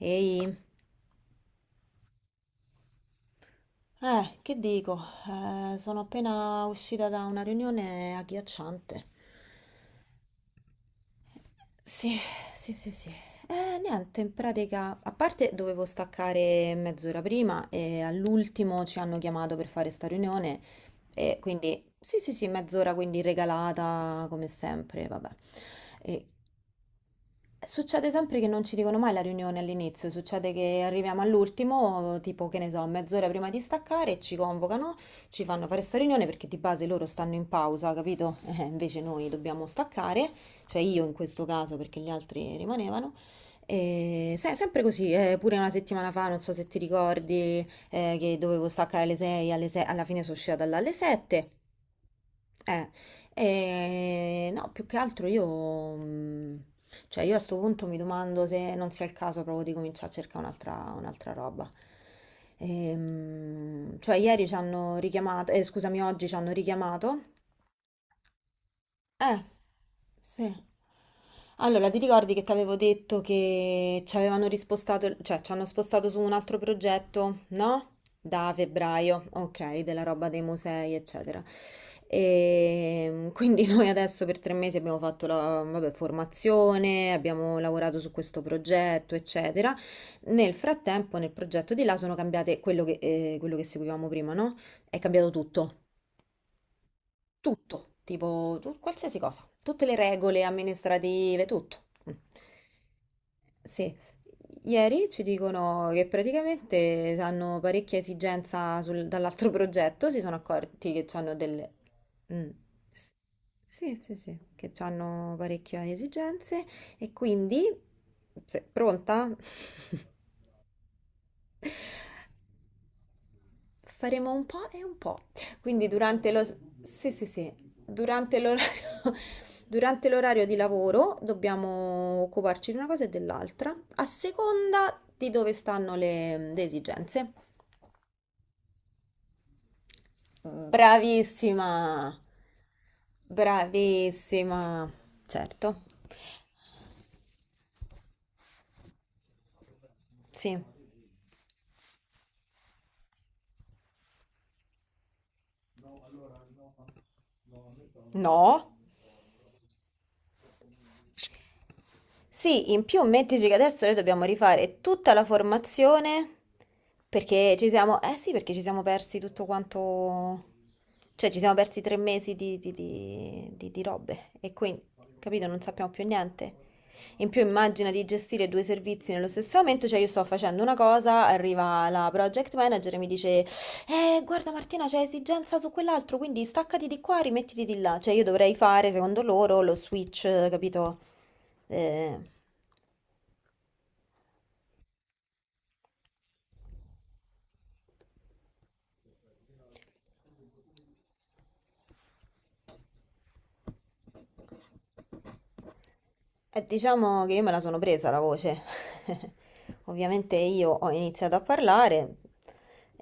Ehi, che dico? Sono appena uscita da una riunione agghiacciante. Sì, sì, sì, sì. Niente, in pratica, a parte dovevo staccare mezz'ora prima e all'ultimo ci hanno chiamato per fare sta riunione e quindi, sì, sì, sì, mezz'ora quindi regalata come sempre, vabbè. E succede sempre che non ci dicono mai la riunione all'inizio, succede che arriviamo all'ultimo, tipo che ne so, mezz'ora prima di staccare e ci convocano, ci fanno fare sta riunione perché di base loro stanno in pausa, capito? Invece noi dobbiamo staccare, cioè io in questo caso perché gli altri rimanevano. E sempre così, pure una settimana fa, non so se ti ricordi, che dovevo staccare alle 6, alle 6 alla fine sono uscita dalle 7. E no, più che altro io, mh, cioè io a sto punto mi domando se non sia il caso proprio di cominciare a cercare un'altra roba. Cioè ieri ci hanno richiamato, scusami, oggi ci hanno richiamato. Eh sì. Allora, ti ricordi che ti avevo detto che ci avevano rispostato, cioè ci hanno spostato su un altro progetto, no? Da febbraio, ok, della roba dei musei, eccetera. E quindi noi adesso per 3 mesi abbiamo fatto la, vabbè, formazione, abbiamo lavorato su questo progetto, eccetera. Nel frattempo, nel progetto di là sono cambiate quello che seguivamo prima, no? È cambiato tutto tutto, tipo qualsiasi cosa, tutte le regole amministrative, tutto. Mm. Sì, ieri ci dicono che praticamente hanno parecchia esigenza dall'altro progetto, si sono accorti che hanno delle... Mm. S- Sì, sì, sì, che hanno parecchie esigenze e quindi... pronta? Faremo un po' e un po'. Quindi durante lo... Sì, sì, sì. Durante l'orario... durante l'orario di lavoro dobbiamo occuparci di una cosa e dell'altra, a seconda di dove stanno le esigenze. Bravissima! Bravissima! Certo. Sì. No. Sì, in più mettici che adesso noi dobbiamo rifare tutta la formazione perché ci siamo, eh sì, perché ci siamo persi tutto quanto, cioè ci siamo persi 3 mesi di robe e quindi, capito, non sappiamo più niente. In più immagina di gestire due servizi nello stesso momento, cioè io sto facendo una cosa, arriva la project manager e mi dice, guarda Martina, c'è esigenza su quell'altro, quindi staccati di qua, rimettiti di là. Cioè io dovrei fare, secondo loro, lo switch, capito? Eh, E diciamo che io me la sono presa la voce. Ovviamente io ho iniziato a parlare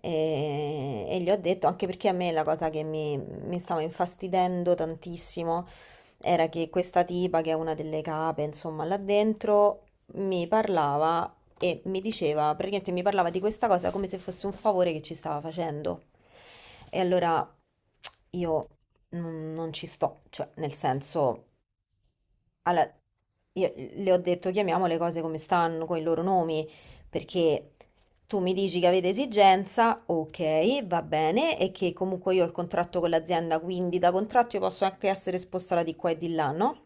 e gli ho detto, anche perché a me la cosa che mi stava infastidendo tantissimo era che questa tipa, che è una delle cape, insomma, là dentro, mi parlava e mi diceva, praticamente mi parlava di questa cosa come se fosse un favore che ci stava facendo. E allora io non ci sto, cioè nel senso... Allora, io le ho detto chiamiamo le cose come stanno, con i loro nomi, perché tu mi dici che avete esigenza, ok, va bene, e che comunque io ho il contratto con l'azienda, quindi da contratto io posso anche essere spostata di qua e di là, no?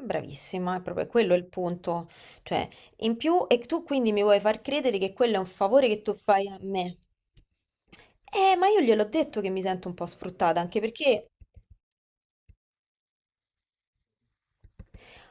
Bravissima, è proprio quello il punto. Cioè, in più, e tu quindi mi vuoi far credere che quello è un favore che tu fai a me? Ma io gliel'ho detto che mi sento un po' sfruttata, anche perché...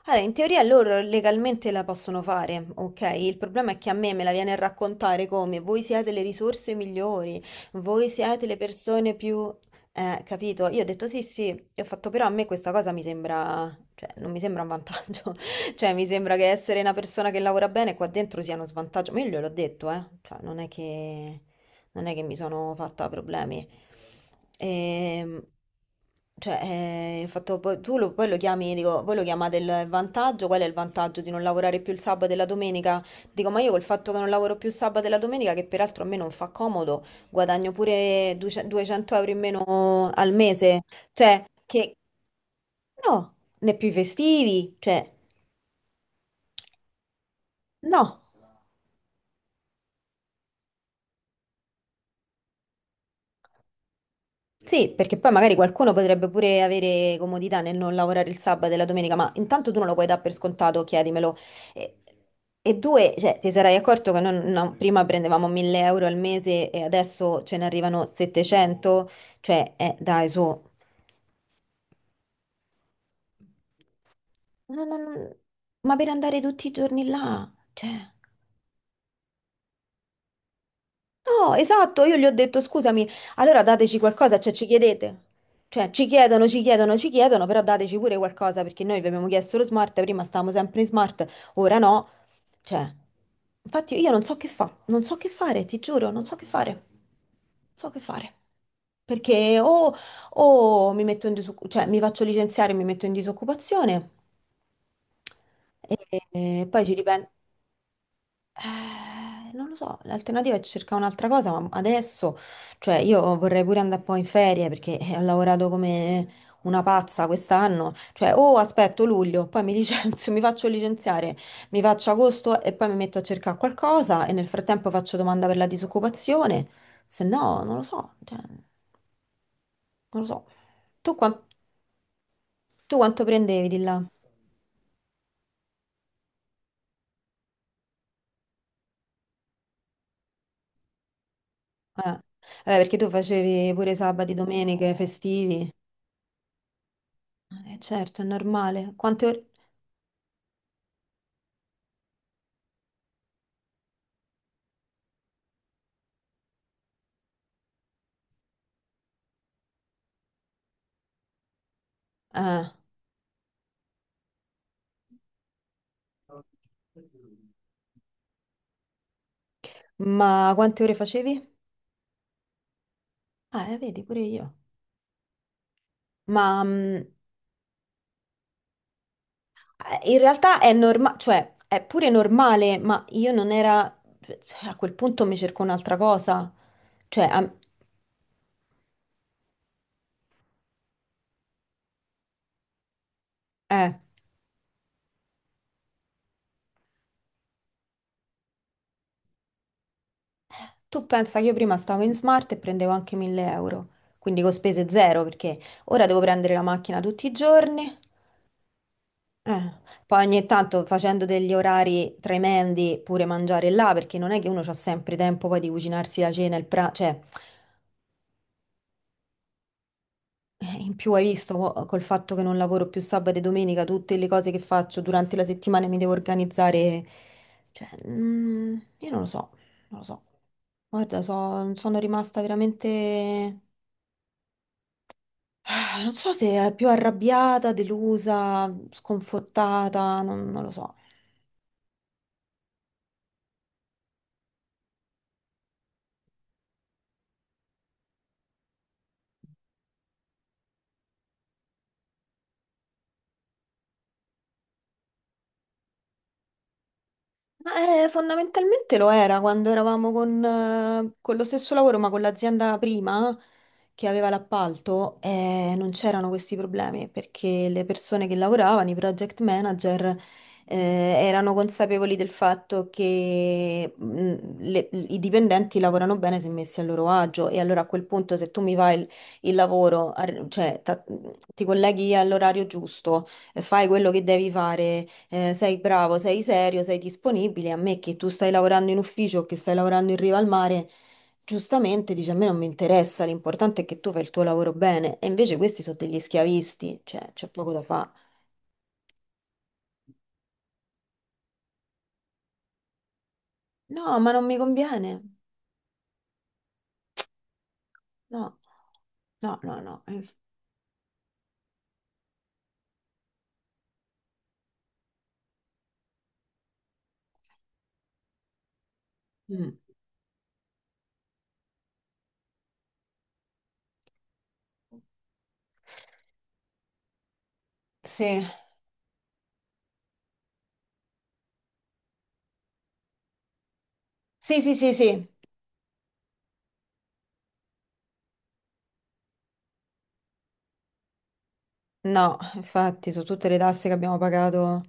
Allora, in teoria loro legalmente la possono fare, ok? Il problema è che a me me la viene a raccontare come voi siete le risorse migliori, voi siete le persone più... Capito? Io ho detto sì, sì, e ho fatto però a me questa cosa mi sembra, cioè non mi sembra un vantaggio, cioè mi sembra che essere una persona che lavora bene qua dentro sia uno svantaggio, ma io gliel'ho detto, cioè non è che, non è che mi sono fatta problemi, e, cioè, il fatto, tu lo, poi lo chiami, dico, voi lo chiamate il vantaggio, qual è il vantaggio di non lavorare più il sabato e la domenica? Dico, ma io col fatto che non lavoro più il sabato e la domenica, che peraltro a me non fa comodo, guadagno pure 200 euro in meno al mese, cioè, che no, né più i festivi, cioè, no. Sì, perché poi magari qualcuno potrebbe pure avere comodità nel non lavorare il sabato e la domenica, ma intanto tu non lo puoi dare per scontato, chiedimelo. E, e due, cioè, ti sarai accorto che no, prima prendevamo 1000 euro al mese e adesso ce ne arrivano 700? Cioè, dai, su. No, no, no, ma per andare tutti i giorni là, cioè... No, esatto, io gli ho detto scusami, allora dateci qualcosa, cioè ci chiedete. Cioè ci chiedono, ci chiedono, ci chiedono, però dateci pure qualcosa perché noi vi abbiamo chiesto lo smart, prima stavamo sempre in smart, ora no. Cioè, infatti io non so che fa, non so che fare, ti giuro, non so che fare. Non so che fare. Perché o mi metto in disoccupazione, cioè mi faccio licenziare e mi metto in disoccupazione. E, e poi ci ripenso. Non lo so, l'alternativa è cercare un'altra cosa, ma adesso, cioè io vorrei pure andare poi in ferie perché ho lavorato come una pazza quest'anno, cioè o aspetto luglio, poi mi licenzio, mi faccio licenziare, mi faccio agosto e poi mi metto a cercare qualcosa e nel frattempo faccio domanda per la disoccupazione, se no non lo so, cioè, non lo so. Tu, quan- tu quanto prendevi di là? Eh. Vabbè, perché tu facevi pure sabati, domeniche, festivi. Certo, è normale. Quante ore? Ah, ma quante ore facevi? Ah, vedi, pure io. Ma in realtà è normale, cioè è pure normale, ma io non era... A quel punto mi cerco un'altra cosa. Cioè, eh, tu pensa che io prima stavo in smart e prendevo anche 1000 euro, quindi con spese zero, perché ora devo prendere la macchina tutti i giorni. Eh, Poi ogni tanto facendo degli orari tremendi pure mangiare là, perché non è che uno ha sempre tempo poi di cucinarsi la cena, il pranzo, cioè... In più hai visto col fatto che non lavoro più sabato e domenica, tutte le cose che faccio durante la settimana mi devo organizzare. Cioè, io non lo so, non lo so. Guarda, sono rimasta veramente... Non so se è più arrabbiata, delusa, sconfortata, non lo so. Ma, fondamentalmente lo era quando eravamo con lo stesso lavoro, ma con l'azienda prima che aveva l'appalto, non c'erano questi problemi perché le persone che lavoravano, i project manager, eh, erano consapevoli del fatto che i dipendenti lavorano bene se messi a loro agio e allora a quel punto se tu mi fai il lavoro, cioè ti colleghi all'orario giusto fai quello che devi fare, sei bravo, sei serio, sei disponibile. A me che tu stai lavorando in ufficio o che stai lavorando in riva al mare, giustamente dici a me non mi interessa, l'importante è che tu fai il tuo lavoro bene. E invece questi sono degli schiavisti, cioè c'è poco da fare. No, ma non mi conviene. No, no, no, no. Mm. Sì, sì, sì, sì, sì. No, infatti, su tutte le tasse che abbiamo pagato.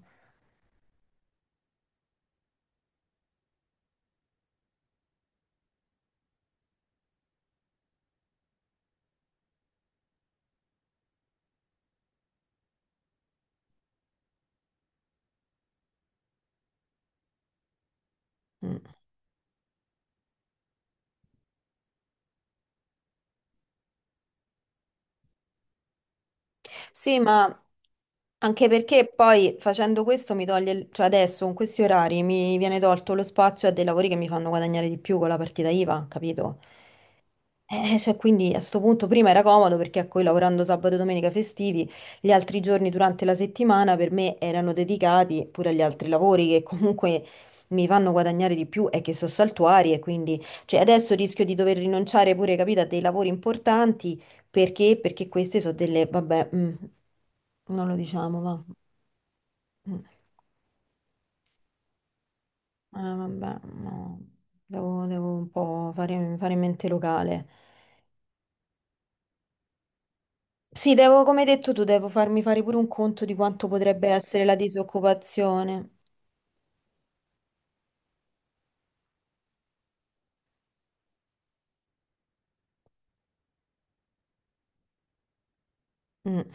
Mm. Sì, ma anche perché poi facendo questo mi toglie, cioè adesso con questi orari mi viene tolto lo spazio a dei lavori che mi fanno guadagnare di più con la partita IVA, capito? Cioè, quindi a sto punto prima era comodo perché a cui lavorando sabato e domenica festivi, gli altri giorni durante la settimana per me erano dedicati pure agli altri lavori che comunque mi fanno guadagnare di più e che sono saltuari e quindi cioè, adesso rischio di dover rinunciare pure, capito, a dei lavori importanti perché? Perché queste sono delle, vabbè, non lo diciamo, va. Mm, vabbè, no. Devo un po' fare, fare mente locale. Sì, devo, come hai detto tu, devo farmi fare pure un conto di quanto potrebbe essere la disoccupazione. Mm.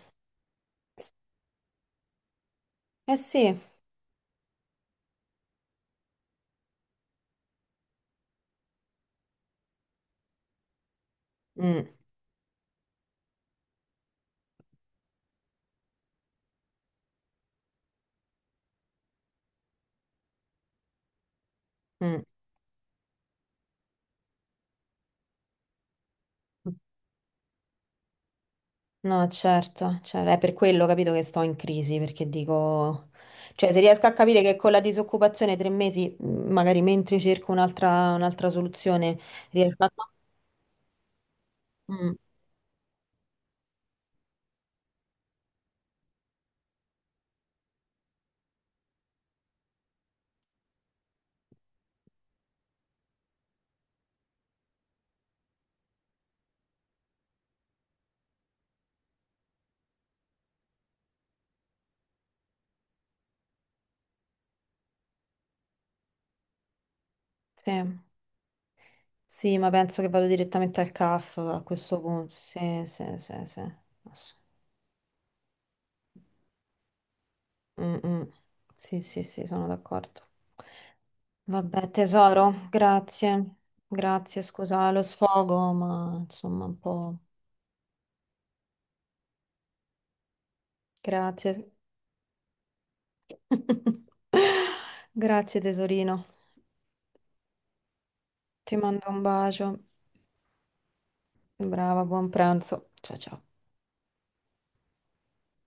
Eh sì. Mm, mm. No, certo, cioè, è per quello, capito, che sto in crisi, perché dico, cioè se riesco a capire che con la disoccupazione 3 mesi, magari mentre cerco un'altra soluzione, riesco a... Mm, sì. Sì, ma penso che vado direttamente al CAF a questo punto, sì, sì, sì, sì. Mm, mm. Sì, sì, sì, sono d'accordo. Vabbè, tesoro, grazie. Grazie, scusa lo sfogo, ma insomma un po'. Grazie. Grazie, tesorino. Ti mando un bacio. Brava, buon pranzo. Ciao, ciao.